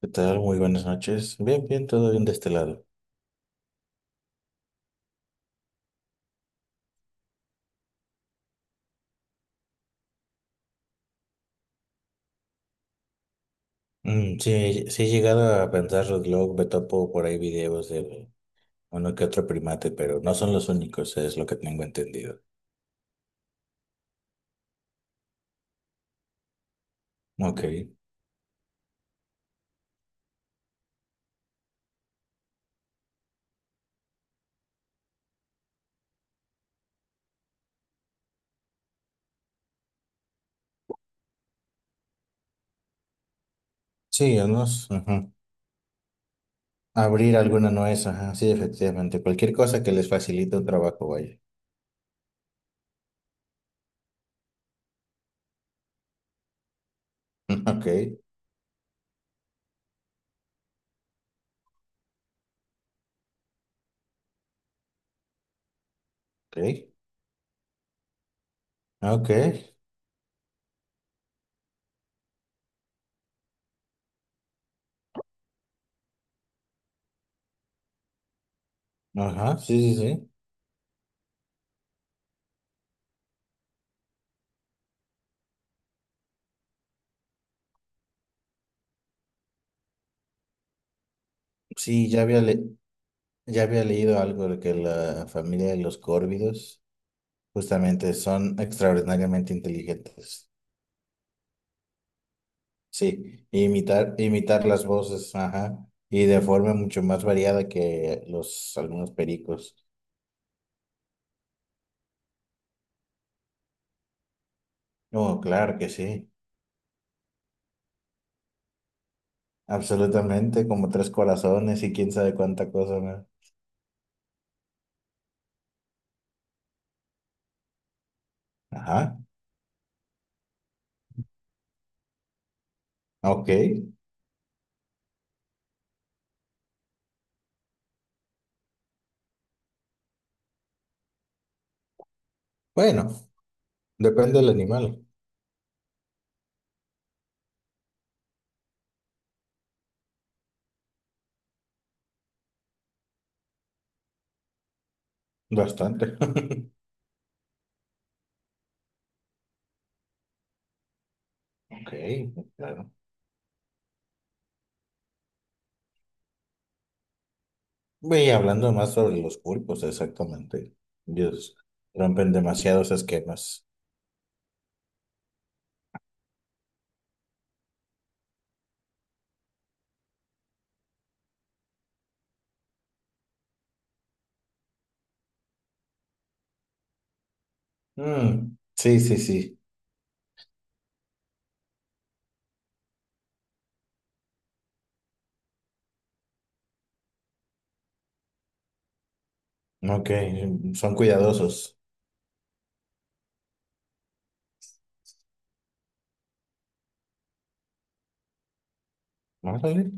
¿Qué tal? Muy buenas noches. Bien, bien, todo bien de este lado. Mm, sí, sí he llegado a pensarlo, luego me topo por ahí videos de uno que otro primate, pero no son los únicos, es lo que tengo entendido. Ok. Sí, unos, ajá. Abrir alguna nuez, ajá, sí, efectivamente. Cualquier cosa que les facilite un trabajo, vaya. Ok, ok, ok, ajá, sí, sí, sí. Sí, ya había, le- ya había leído algo de que la familia de los córvidos justamente son extraordinariamente inteligentes. Sí, imitar las voces, ajá, y de forma mucho más variada que los algunos pericos. No, claro que sí, absolutamente, como tres corazones y quién sabe cuánta cosa más. Ajá, ok. Bueno, depende del animal, bastante. Ok, claro. Y hablando más sobre los pulpos, exactamente. Dios, rompen demasiados esquemas. Mm, sí, sí, sí. Ok, son cuidadosos. Órale.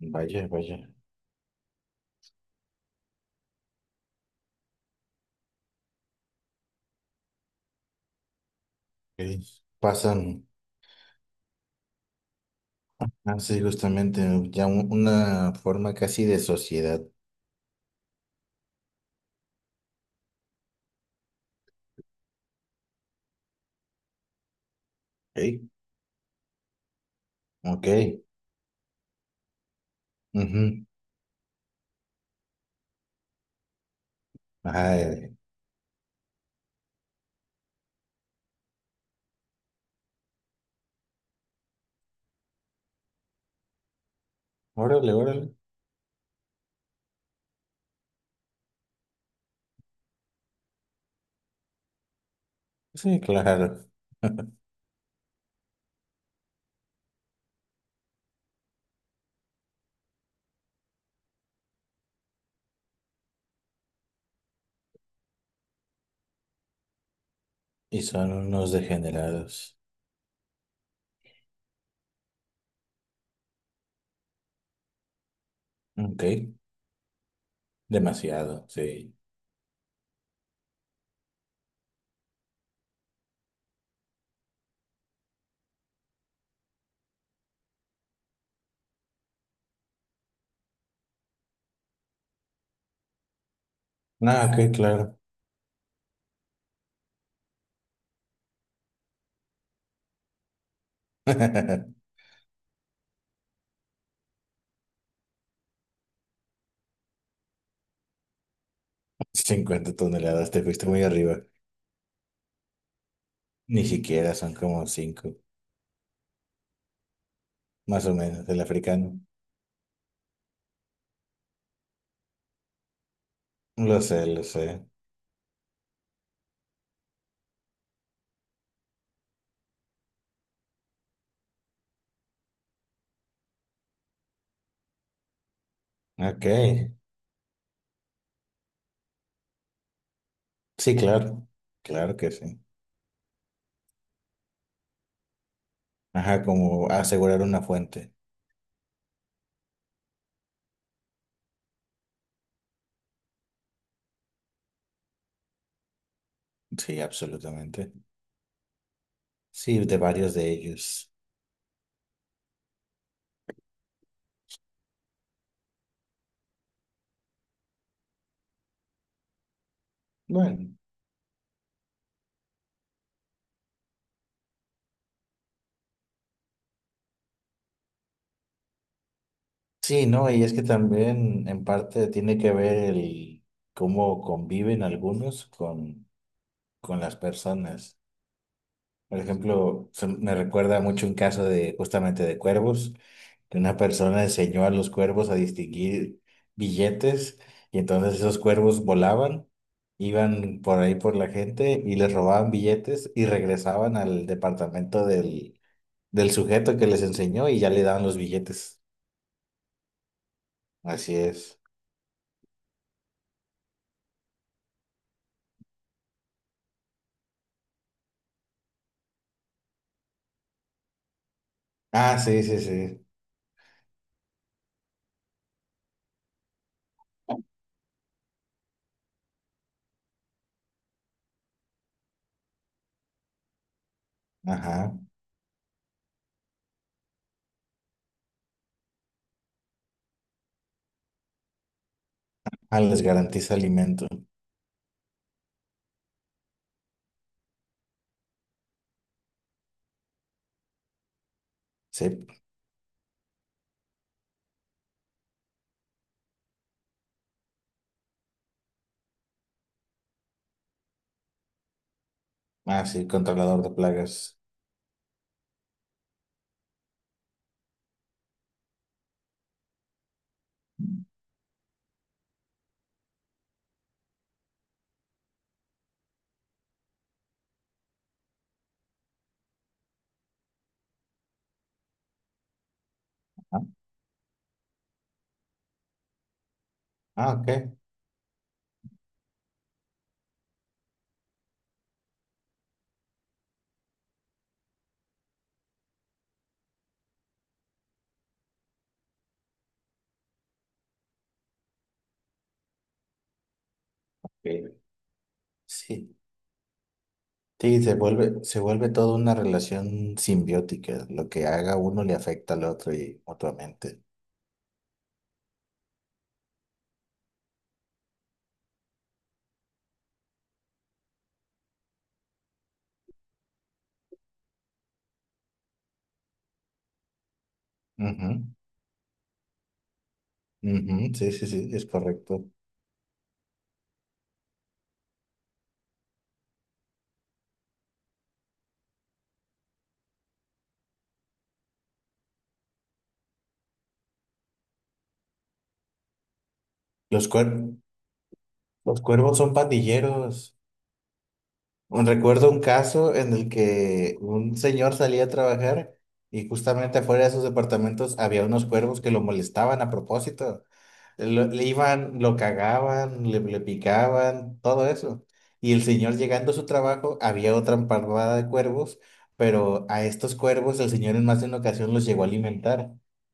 Vaya, vaya. Ok. Pasan así justamente, ¿no? Una forma casi de sociedad. Ok. Ok. Ujú. Ay, órale, órale. Sí, claro. Y son unos degenerados. Ok. Demasiado, sí. Ah, ok, claro. 50 toneladas, te fuiste muy arriba. Ni siquiera son como 5, más o menos, el africano. Lo sé, lo sé. Ok. Sí, claro. Claro que sí. Ajá, como asegurar una fuente. Sí, absolutamente. Sí, de varios de ellos. Bueno, sí, ¿no? Y es que también en parte tiene que ver el cómo conviven algunos con las personas. Por ejemplo, me recuerda mucho un caso de justamente de cuervos, que una persona enseñó a los cuervos a distinguir billetes, y entonces esos cuervos volaban, iban por ahí por la gente y les robaban billetes y regresaban al departamento del sujeto que les enseñó, y ya le daban los billetes. Así es. Ah, sí, sí, sí. Ajá. Ah, les garantiza alimento. Sí. Ah, sí, controlador de plagas. Ah, ah, ok. Ok. Sí. Sí, se vuelve toda una relación simbiótica. Lo que haga uno le afecta al otro y mutuamente. Ujú, ujú, sí, sí, sí, es correcto. Los cuer- los cuervos son pandilleros. Recuerdo un caso en el que un señor salía a trabajar y justamente afuera de sus departamentos había unos cuervos que lo molestaban a propósito. Lo- le iban, lo cagaban, le picaban, todo eso. Y el señor, llegando a su trabajo, había otra parvada de cuervos, pero a estos cuervos el señor en más de una ocasión los llegó a alimentar.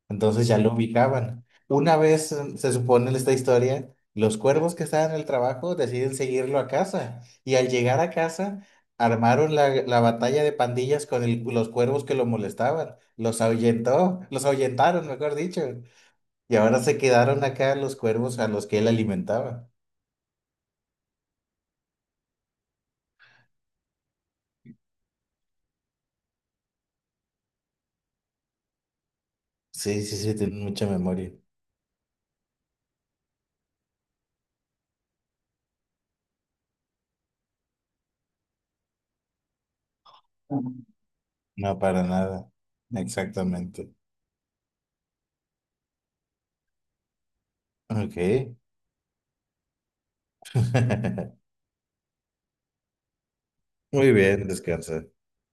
Entonces ya lo ubicaban. Una vez, se supone en esta historia, los cuervos que estaban en el trabajo deciden seguirlo a casa. Y al llegar a casa, armaron la batalla de pandillas con el- los cuervos que lo molestaban. Los ahuyentó, los ahuyentaron, mejor dicho. Y ahora se quedaron acá los cuervos a los que él alimentaba. Sí, sí, sí, tienen mucha memoria. Ujú. No, para nada. Exactamente. Ok. Muy bien, descansa.